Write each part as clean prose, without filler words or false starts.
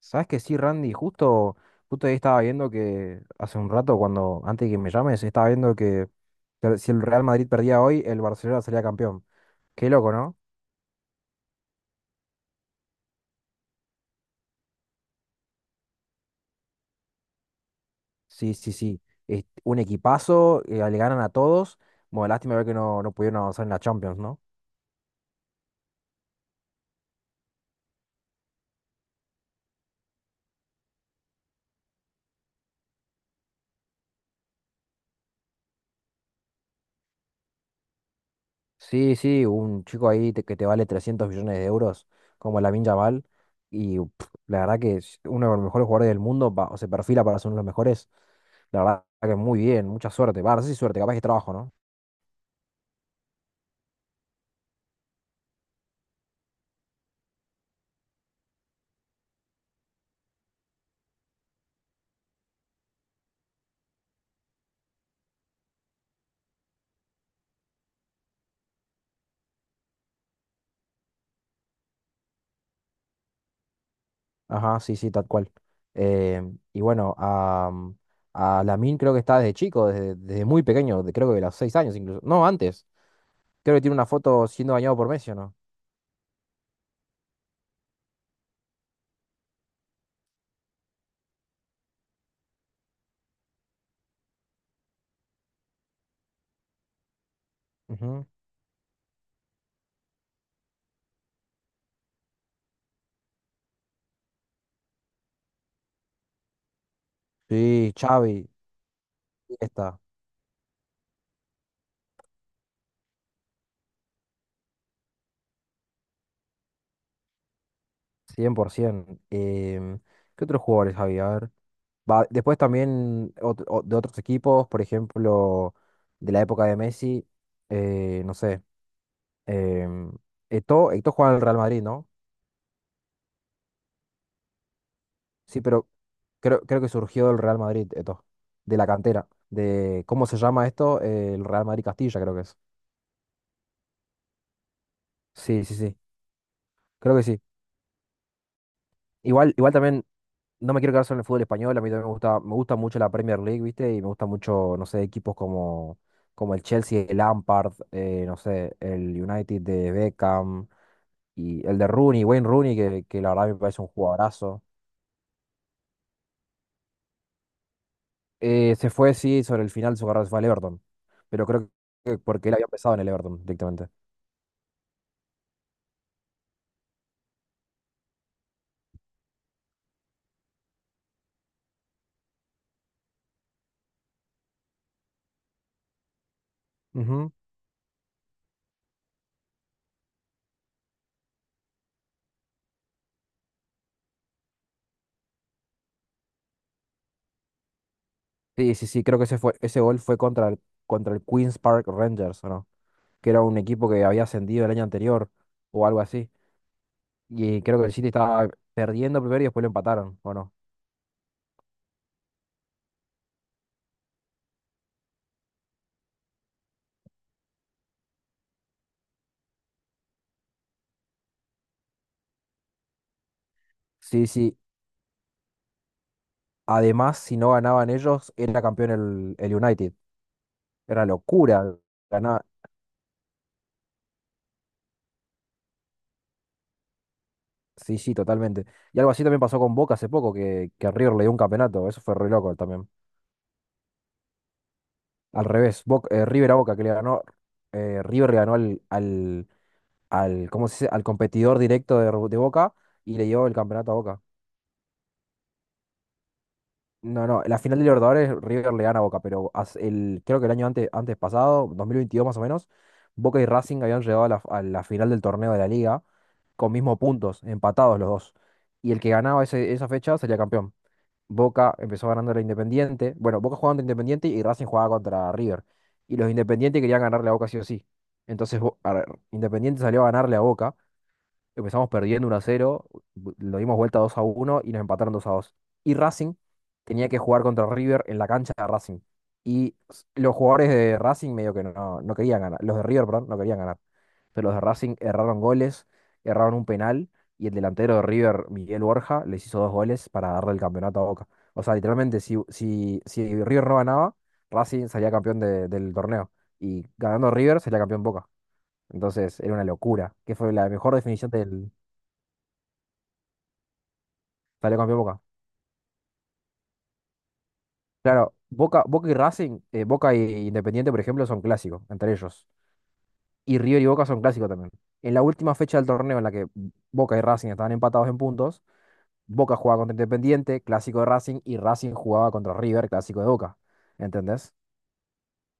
Sabes que sí, Randy, justo ahí estaba viendo que hace un rato, cuando, antes de que me llames, estaba viendo que si el Real Madrid perdía hoy, el Barcelona sería campeón. Qué loco, ¿no? Sí, sí, sí. Es un equipazo, le ganan a todos. Bueno, lástima ver que no pudieron avanzar en la Champions, ¿no? Sí, sí, un chico ahí que te vale 300 millones de euros, como Lamine Yamal, y pff, la verdad que es uno de los mejores jugadores del mundo, o se perfila para ser uno de los mejores. La verdad que muy bien, mucha suerte. Va, no sé si suerte, capaz que trabajo, ¿no? Ajá, sí, sí, tal cual. Eh, y bueno, a Lamine creo que está desde chico, desde muy pequeño, creo que de los 6 años incluso. No, antes. Creo que tiene una foto siendo bañado por Messi, ¿o no? Ujú. Sí, Xavi, está, 100%. ¿Qué otros jugadores había? A ver. Va, después también de otros equipos, por ejemplo, de la época de Messi, no sé. Eh, Eto'o jugaba en el Real Madrid, ¿no? Sí, pero creo que surgió del Real Madrid, esto, de la cantera, de, ¿cómo se llama esto? El Real Madrid Castilla, creo que es. Sí, sí, sí, creo que sí. Igual también, no me quiero quedar solo en el fútbol español, a mí también me gusta mucho la Premier League, ¿viste? Y me gusta mucho, no sé, equipos como el Chelsea, el Lampard, no sé, el United de Beckham, y el de Rooney, Wayne Rooney, que la verdad me parece un jugadorazo. Se fue, sí, sobre el final de su carrera se fue al Everton, pero creo que porque él había empezado en el Everton directamente. Ujú. Sí, sí, sí, creo que ese gol fue contra el Queens Park Rangers, ¿o no? Que era un equipo que había ascendido el año anterior o algo así. Y creo que el City estaba perdiendo primero y después lo empataron, ¿o no? Sí, sí. Además, si no ganaban ellos, era campeón el United. Era locura ganar. Sí, sí, totalmente. Y algo así también pasó con Boca hace poco, que River le dio un campeonato. Eso fue re loco también. Al revés, River a Boca, que le ganó, River le ganó al, ¿cómo se dice? Al competidor directo de Boca y le llevó el campeonato a Boca. No, no, la final de Libertadores River le gana a Boca, pero creo que el año antes pasado, 2022 más o menos, Boca y Racing habían llegado a la final del torneo de la Liga con mismos puntos, empatados los dos. Y el que ganaba esa fecha sería campeón. Boca empezó ganando a Independiente. Bueno, Boca jugaba contra Independiente y Racing jugaba contra River. Y los Independientes querían ganarle a Boca sí o sí. Entonces Independiente salió a ganarle a Boca. Empezamos perdiendo 1-0, lo dimos vuelta 2-1 y nos empataron 2-2. Y Racing tenía que jugar contra River en la cancha de Racing. Y los jugadores de Racing medio que no querían ganar. Los de River, perdón, no querían ganar. Pero los de Racing erraron goles, erraron un penal y el delantero de River, Miguel Borja, les hizo dos goles para darle el campeonato a Boca. O sea, literalmente, si River no ganaba, Racing salía campeón del torneo. Y ganando River, salía campeón Boca. Entonces, era una locura, que fue la mejor definición del. Salió campeón Boca. Claro, Boca y Racing, Boca e Independiente, por ejemplo, son clásicos entre ellos. Y River y Boca son clásicos también. En la última fecha del torneo en la que Boca y Racing estaban empatados en puntos, Boca jugaba contra Independiente, clásico de Racing, y Racing jugaba contra River, clásico de Boca. ¿Entendés?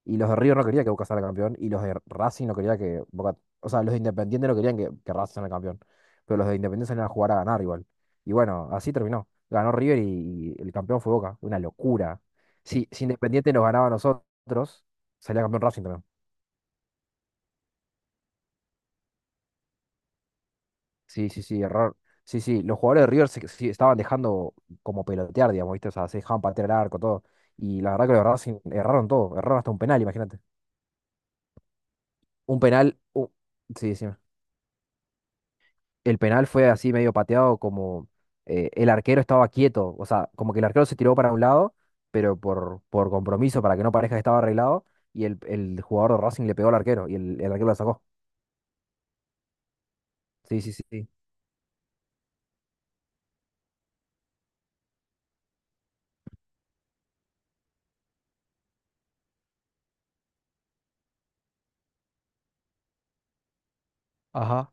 Y los de River no quería que Boca salga campeón. Y los de Racing no quería que Boca. O sea, los de Independiente no querían que Racing salga campeón. Pero los de Independiente salían a jugar a ganar igual. Y bueno, así terminó. Ganó River y el campeón fue Boca. Una locura. Si Independiente nos ganaba a nosotros, salía campeón Racing también. Sí, sí, sí, error. Sí, sí, los jugadores de River se, sí, estaban dejando como pelotear, digamos, ¿viste? O sea, se dejaban patear el arco, todo. Y la verdad que los de Racing erraron todo. Erraron hasta un penal, imagínate. Un penal. Sí, sí. El penal fue así medio pateado, como el arquero estaba quieto, o sea, como que el arquero se tiró para un lado, pero por compromiso, para que no parezca que estaba arreglado, y el jugador de Racing le pegó al arquero y el arquero la sacó. Sí, sí, sí. Sí, ajá.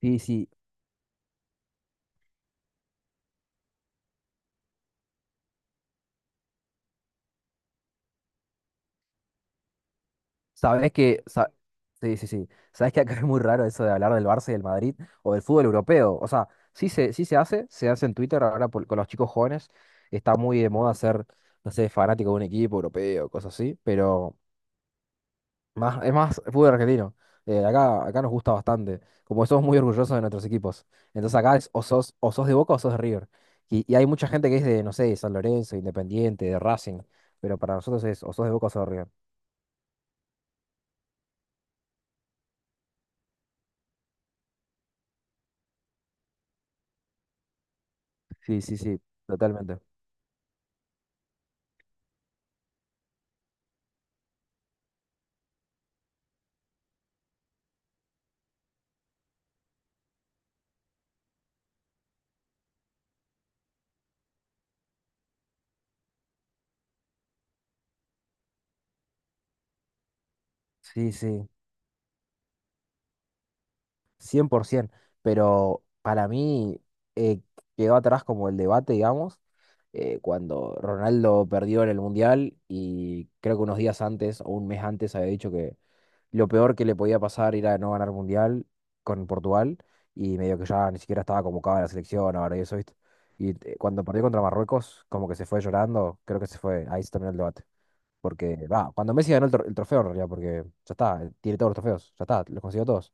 Sí. Sí. Sabes que. Sí, sí, sí. Sabes que acá es muy raro eso de hablar del Barça y del Madrid o del fútbol europeo. O sea, sí se, sí se hace en Twitter ahora con los chicos jóvenes. Está muy de moda ser, no sé, fanático de un equipo europeo, cosas así, pero. Más, es más fútbol argentino. Acá nos gusta bastante. Como somos muy orgullosos de nuestros equipos. Entonces acá es o sos, de Boca o sos de River. Y hay mucha gente que es de, no sé, de San Lorenzo, Independiente, de Racing. Pero para nosotros es o sos de Boca o sos de River. Sí, sí, sí, totalmente. Sí, sí. 100%, pero para mí eh, quedó atrás como el debate, digamos, cuando Ronaldo perdió en el Mundial y creo que unos días antes o un mes antes había dicho que lo peor que le podía pasar era no ganar Mundial con Portugal y medio que ya ni siquiera estaba convocado a la selección ahora y eso, ¿viste? Y cuando perdió contra Marruecos, como que se fue llorando, creo que se fue, ahí se terminó el debate. Porque, va, cuando Messi ganó el trofeo en realidad, porque ya está, tiene todos los trofeos, ya está, los consiguió todos.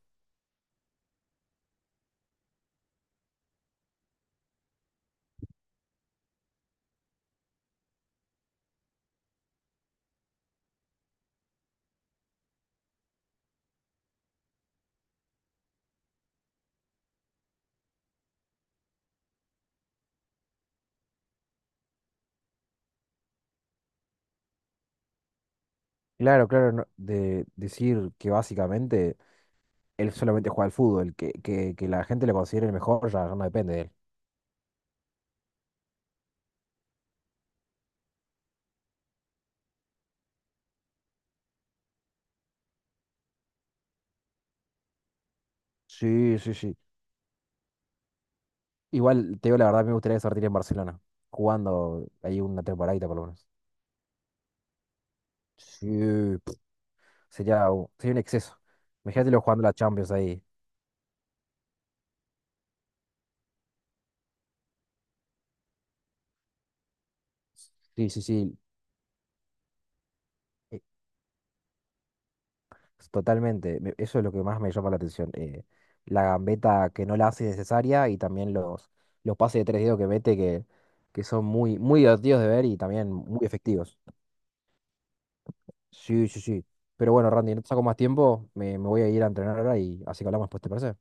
Claro, claro, de decir que básicamente él solamente juega al fútbol, que la gente lo considere el mejor ya no depende de él. Sí, sí, sí. Igual, te digo la verdad, me gustaría sortir en Barcelona, jugando ahí una temporadita por lo menos. Sí, pf, sería un exceso. Imagínatelo jugando la Champions ahí. Sí, sí, sí. Totalmente, eso es lo que más me llama la atención. La gambeta que no la hace necesaria y también los pases de tres dedos que mete que son muy, muy divertidos de ver y también muy efectivos. Sí, sí, sí. Pero bueno, Randy, no te saco más tiempo, me voy a ir a entrenar ahora y así que hablamos después, ¿te parece?